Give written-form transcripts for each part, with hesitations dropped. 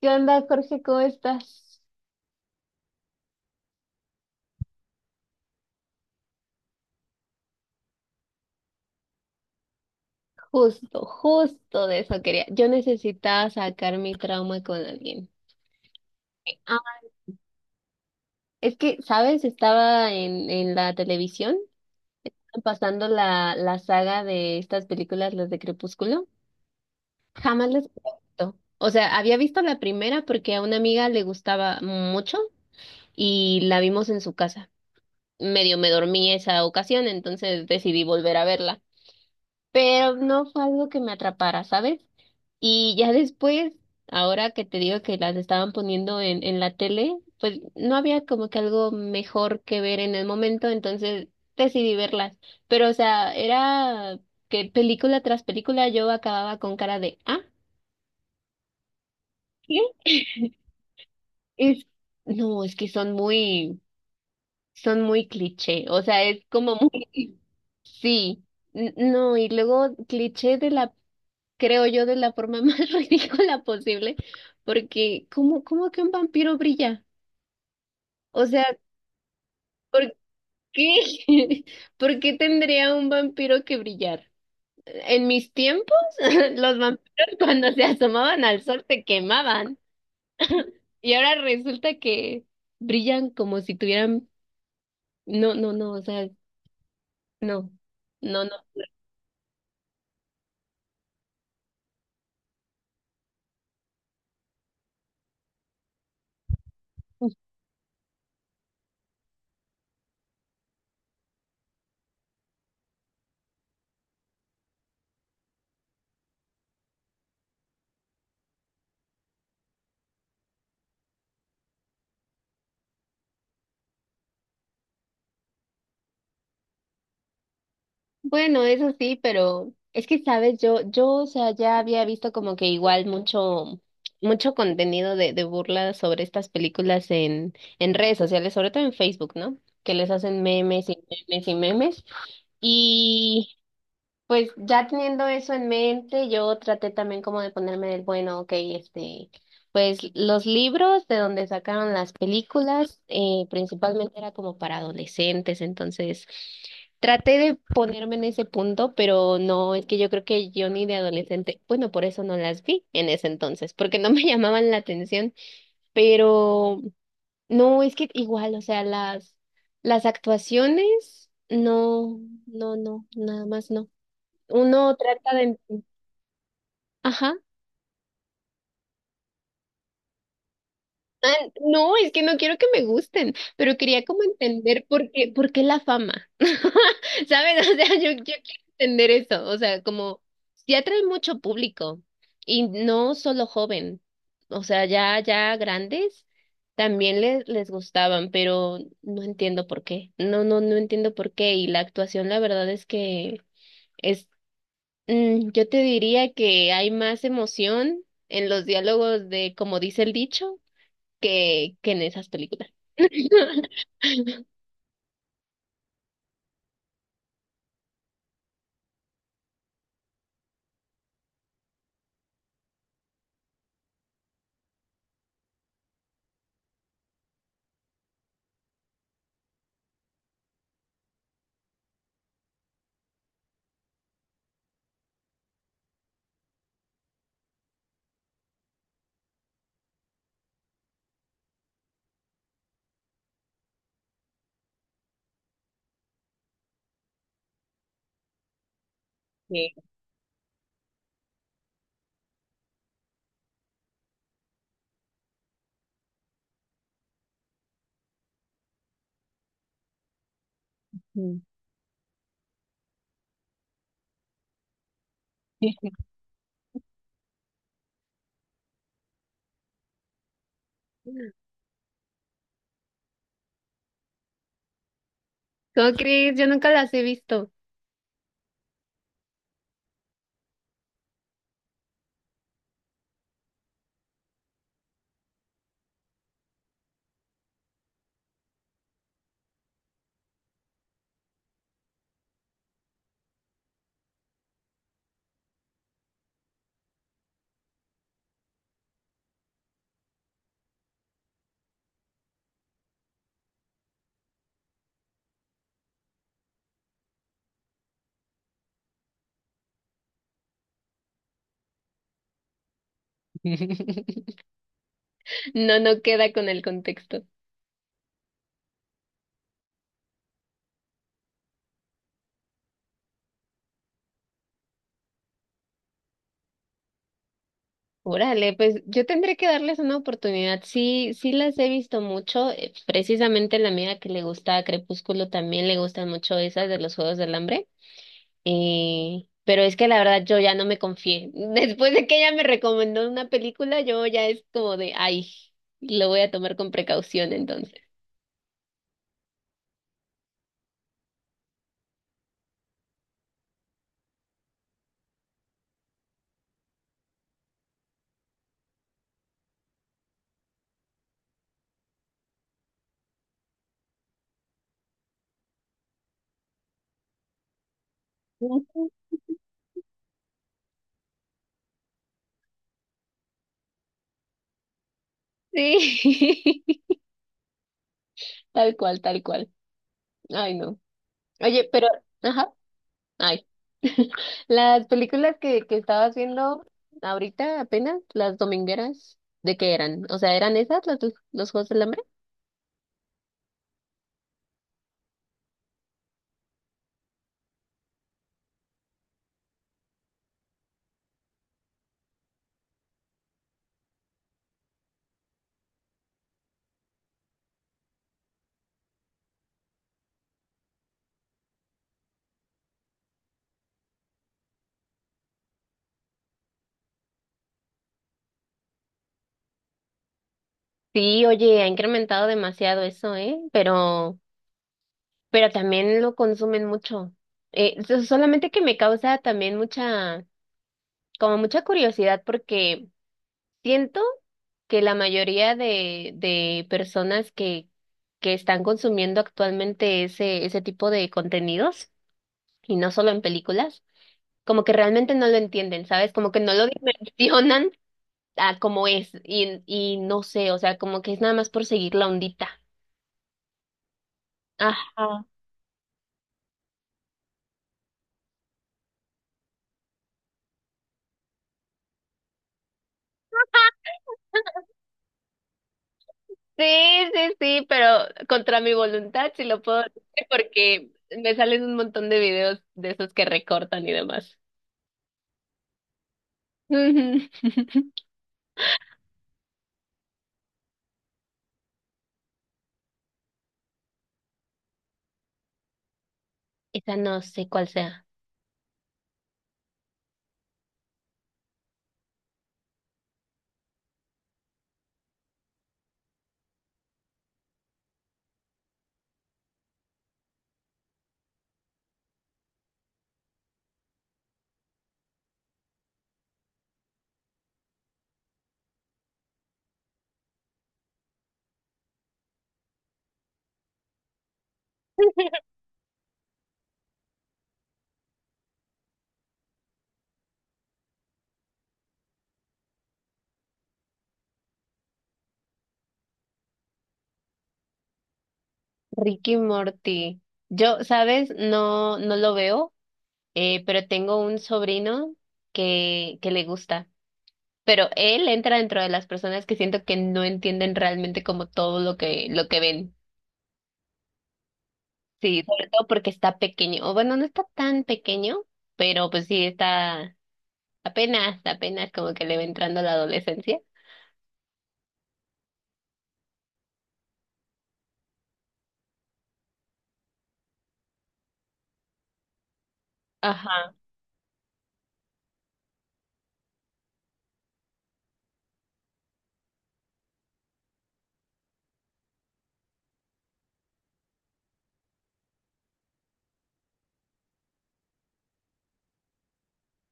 ¿Qué onda, Jorge? ¿Cómo estás? Justo de eso quería. Yo necesitaba sacar mi trauma con alguien. Ah, es que, ¿sabes? Estaba en la televisión pasando la saga de estas películas, las de Crepúsculo. Jamás les había visto. O sea, había visto la primera porque a una amiga le gustaba mucho y la vimos en su casa. Medio me dormí esa ocasión, entonces decidí volver a verla. Pero no fue algo que me atrapara, ¿sabes? Y ya después, ahora que te digo que las estaban poniendo en la tele, pues no había como que algo mejor que ver en el momento, entonces decidí verlas. Pero, o sea, era que película tras película yo acababa con cara de, ah, ¿qué? Es, no, es que son son muy cliché, o sea, es como muy, sí, no, y luego cliché de la, creo yo, de la forma más ridícula posible, porque ¿cómo, cómo que un vampiro brilla? O sea, ¿por qué? ¿Por qué tendría un vampiro que brillar? En mis tiempos, los vampiros cuando se asomaban al sol se quemaban y ahora resulta que brillan como si tuvieran... No, no, no, o sea, no, no, no. Bueno, eso sí, pero es que, sabes, yo, o sea, ya había visto como que igual mucho contenido de burla sobre estas películas en redes sociales, sobre todo en Facebook, ¿no? Que les hacen memes y memes y memes. Pues ya teniendo eso en mente, yo traté también como de ponerme del bueno, ok, este, pues los libros de donde sacaron las películas, principalmente era como para adolescentes, entonces traté de ponerme en ese punto, pero no, es que yo creo que yo ni de adolescente, bueno, por eso no las vi en ese entonces, porque no me llamaban la atención, pero no, es que igual, o sea, las actuaciones, no, no, no, nada más no. Uno trata de... Ajá. No, es que no quiero que me gusten, pero quería como entender por qué la fama. ¿Sabes? O sea, yo quiero entender eso. O sea, como si atrae mucho público y no solo joven. O sea, ya grandes también les gustaban, pero no entiendo por qué. No, no, no entiendo por qué. Y la actuación, la verdad es que mm, yo te diría que hay más emoción en los diálogos de como dice el dicho que en esas películas. Sí. Mm. ¿Cómo crees? Yo nunca las he visto. No, no queda con el contexto. Órale, pues yo tendré que darles una oportunidad. Sí, sí las he visto mucho. Precisamente la amiga que le gusta Crepúsculo también le gustan mucho esas de los Juegos del Hambre. Pero es que la verdad yo ya no me confié. Después de que ella me recomendó una película, yo ya es como de, ay, lo voy a tomar con precaución entonces. Ujú. Sí, tal cual, tal cual. Ay, no. Oye, pero, ajá, ay. Las películas que estabas viendo ahorita apenas, las domingueras, ¿de qué eran? O sea, ¿eran esas las, los Juegos del Hambre? Sí, oye, ha incrementado demasiado eso, ¿eh? Pero también lo consumen mucho. Solamente que me causa también como mucha curiosidad porque siento que la mayoría de personas que están consumiendo actualmente ese tipo de contenidos, y no solo en películas, como que realmente no lo entienden, ¿sabes? Como que no lo dimensionan a como es, y no sé, o sea, como que es nada más por seguir la ondita. Ajá. Sí, sí, sí, pero contra mi voluntad sí lo puedo hacer porque me salen un montón de videos de esos que recortan y demás. Ujú. Esa no sé cuál sea. Ricky Morty. Yo, ¿sabes? No, no lo veo, pero tengo un sobrino que le gusta. Pero él entra dentro de las personas que siento que no entienden realmente como todo lo que ven. Sí, sobre todo porque está pequeño. O bueno, no está tan pequeño, pero pues sí está. Apenas como que le va entrando la adolescencia. Ajá.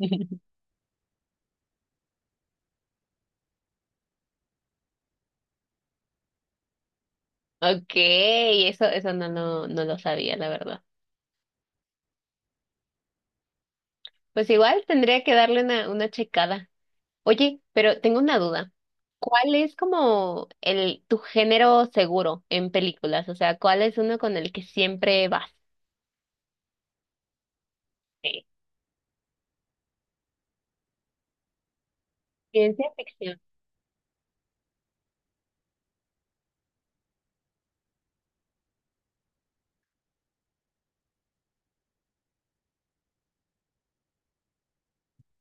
Okay, eso no lo, no lo sabía, la verdad. Pues igual tendría que darle una checada. Oye, pero tengo una duda. ¿Cuál es como el tu género seguro en películas? O sea, ¿cuál es uno con el que siempre vas? Sí. Ciencia ficción.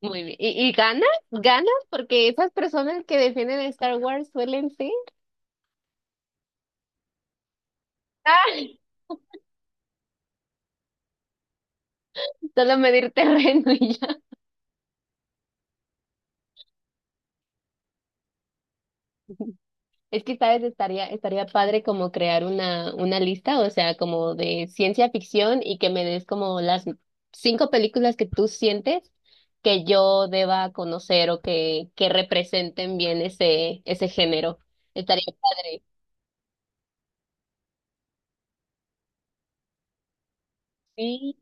Muy bien. Y ganas? ¿Ganas? Porque esas personas que defienden a Star Wars suelen ser. Ah, solo medir terreno y es que, ¿sabes? Estaría padre como crear una lista, o sea, como de ciencia ficción y que me des como las 5 películas que tú sientes que yo deba conocer o que representen bien ese género. Estaría padre. Sí,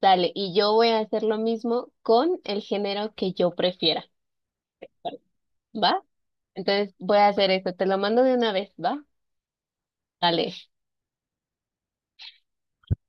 dale. Y yo voy a hacer lo mismo con el género que yo prefiera. ¿Va? Entonces voy a hacer esto. Te lo mando de una vez, ¿va? Dale.